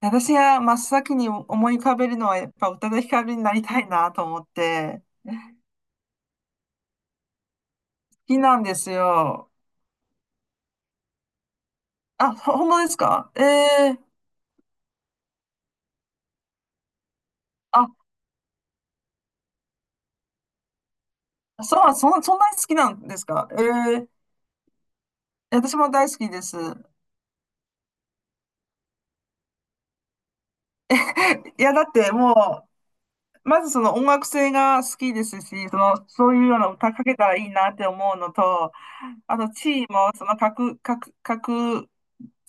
私が真っ先に思い浮かべるのはやっぱ宇多田ヒカルになりたいなと思って、好きなんですよ。あ、ほ本当ですか？ええ、あ、そう、そんなに好きなんですか？ええ、私も大好きです。いや、だってもう、まずその音楽性が好きですし、その、そういうような歌かけたらいいなって思うのと、あと地位もその格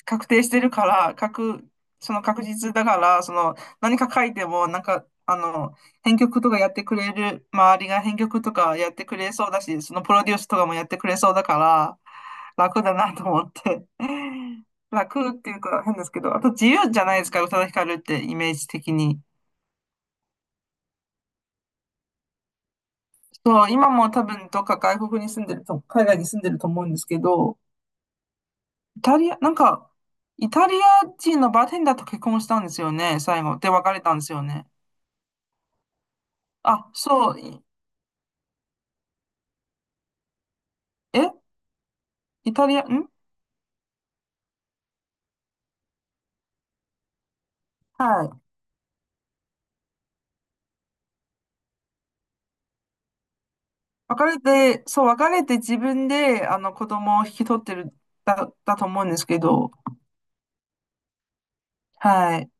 確定してるから、その確実だから、その何か書いても、なんか、あの、編曲とかやってくれる、周りが編曲とかやってくれそうだし、そのプロデュースとかもやってくれそうだから、楽だなと思って。楽っていうか変ですけど、あと自由じゃないですか、宇多田ヒカルってイメージ的に。そう、今も多分どっか外国に住んでると、海外に住んでると思うんですけど、イタリア、なんか、イタリア人のバーテンダーと結婚したんですよね、最後。で、別れたんですよね。あ、そう、いえイタリア、ん、はい。別れ別れて自分で、あの、子供を引き取ってる、だと思うんですけど、はい。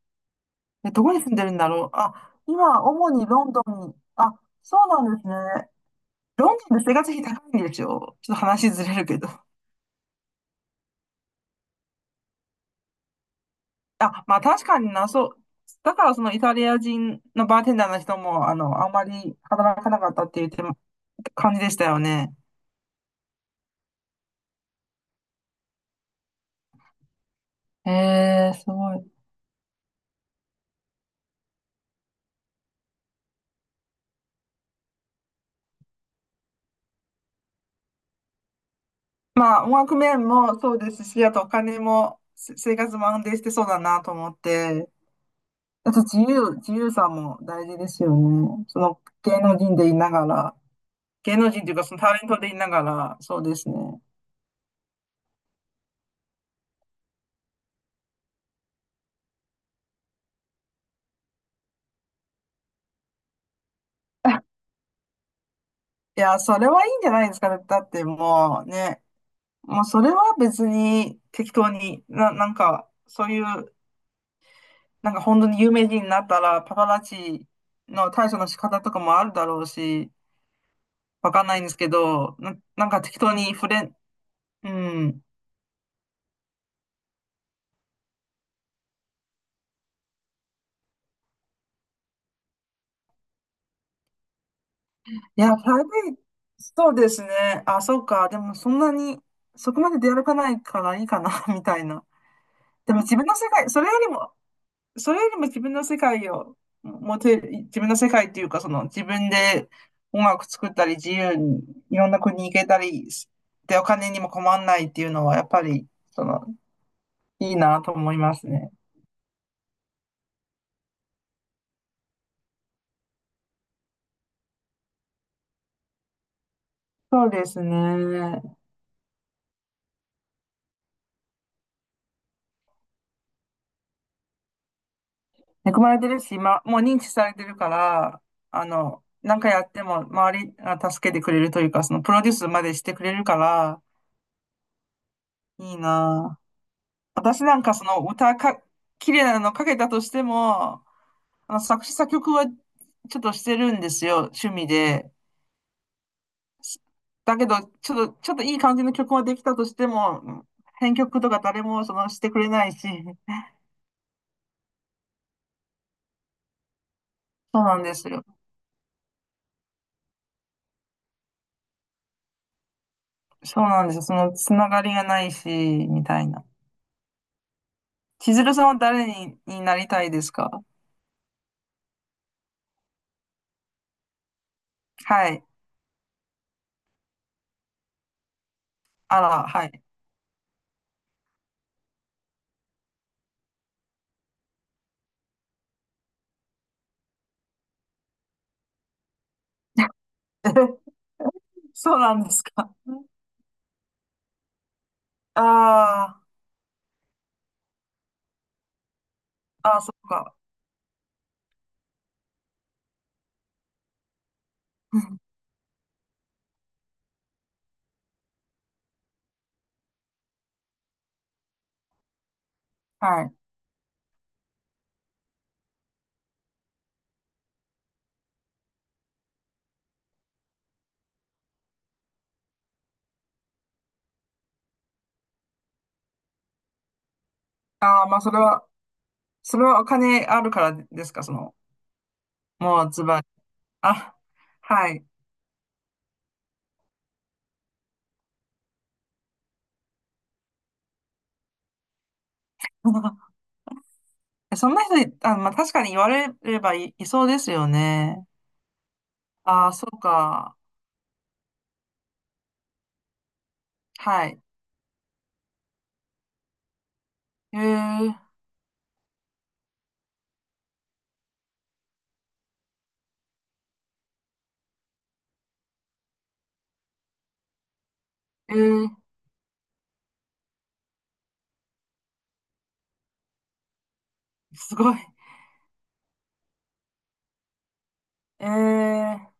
え、どこに住んでるんだろう？あ、今、主にロンドンに、あ、そうなんですね。ロンドンで生活費高いんですよ。ちょっと話ずれるけど。あ、まあ確かにな、そう。だから、そのイタリア人のバーテンダーの人も、あの、あんまり働かなかったっていうても感じでしたよね。へえ、すごい。まあ、音楽面もそうですし、あとお金も、せ生活も安定してそうだなと思って、あと自由、自由さも大事ですよね。その芸能人でいながら、芸能人というかそのタレントでいながら、そうですね。いや、それはいいんじゃないですかね。だってもうね、もうそれは別に適当に、なんか、そういう、なんか本当に有名人になったら、パパラッチの対処の仕方とかもあるだろうし、わかんないんですけど、なんか適当にフレ、うん。いや、台北、そうですね。あ、そうか。でも、そんなに、そこまで出歩かないからいいかな、みたいな。でも、自分の世界、それよりも、それよりも自分の世界を持てる、自分の世界っていうか、その、自分で音楽作ったり、自由にいろんな国行けたり、で、お金にも困んないっていうのは、やっぱり、その、いいなと思いますね。そうですね。恵まれてるし、ま、もう認知されてるから、あの、なんかやっても周りが助けてくれるというか、そのプロデュースまでしてくれるから、いいなぁ。私なんかその歌か、綺麗なのかけたとしても、あの作詞作曲はちょっとしてるんですよ、趣味で。だけど、ちょっと、ちょっといい感じの曲ができたとしても、編曲とか誰もそのしてくれないし、そうなんですよ。そうなんですよ。そのつながりがないし、みたいな。千鶴さんは誰に、になりたいですか？はい。あら、はい。そうなんですか。ああ、ああ、そっか。はい。ああ、まあ、それは、それはお金あるからですか、その、もうズバリ。あ、はい。そんな人い、あ、まあ、確かに言われればい、いそうですよね。ああ、そうか。はい。えー、えー、すごい。えー、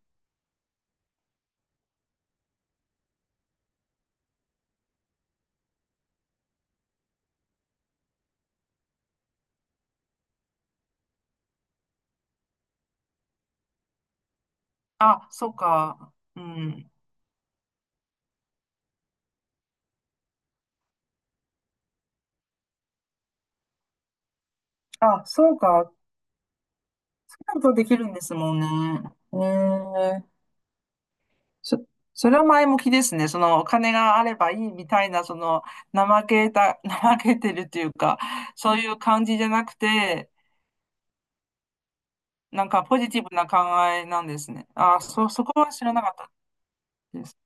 あ、そうか。うん。あ、そうか。そうなるとできるんですもんね。ええ、そ、それは前向きですね。そのお金があればいいみたいな、その怠けた、怠けてるっていうか、そういう感じじゃなくて、なんかポジティブな考えなんですね。あ、そこは知らなかったです。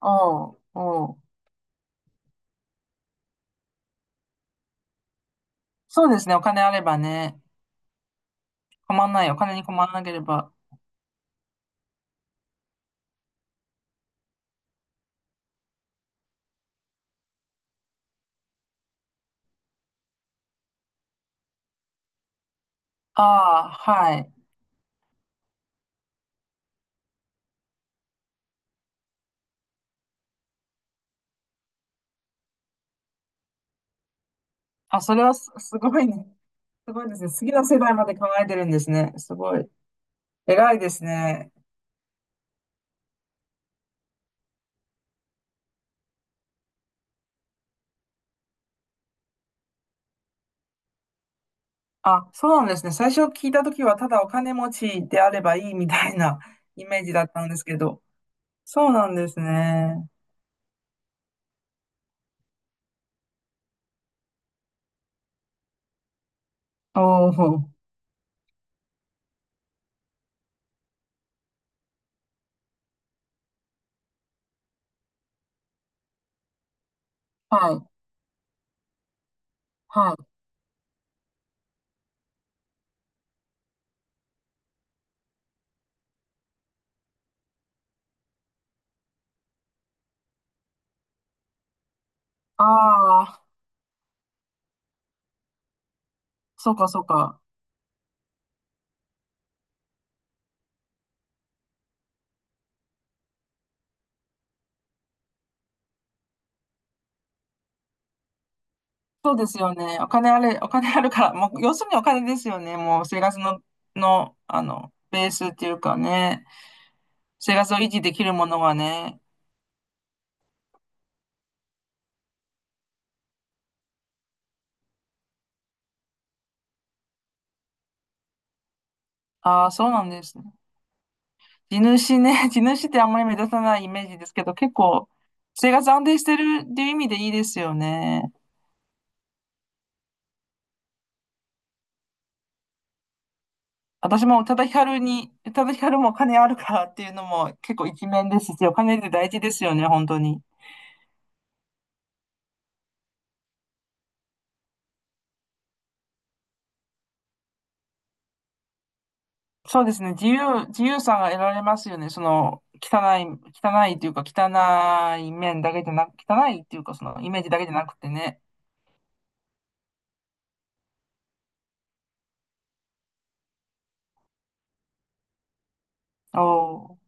おう、おう。そうですね。お金あればね、困んない。お金に困らなければ。ああ、はい。あ、それはす、すごいね。すごいですね。次の世代まで考えてるんですね。すごい。偉いですね。あ、そうなんですね。最初聞いたときは、ただお金持ちであればいいみたいな イメージだったんですけど。そうなんですね。おお、はい、はい。ああ、そうか、そうか。そうですよね。お金あれ、お金あるから、もう、要するにお金ですよね。もう、生活の、の、あの、ベースっていうかね、生活を維持できるものはね。ああ、そうなんですね。地主ね、地主ってあんまり目立たないイメージですけど、結構、生活安定してるっていう意味でいいですよね。私も宇多田ヒカルに、宇多田ヒカルもお金あるからっていうのも結構一面ですし、お金って大事ですよね、本当に。そうですね、自由、自由さが得られますよね、その、汚い、汚いというか、汚い面だけじゃなく、汚いっていうか、その、イメージだけじゃなくてね。おー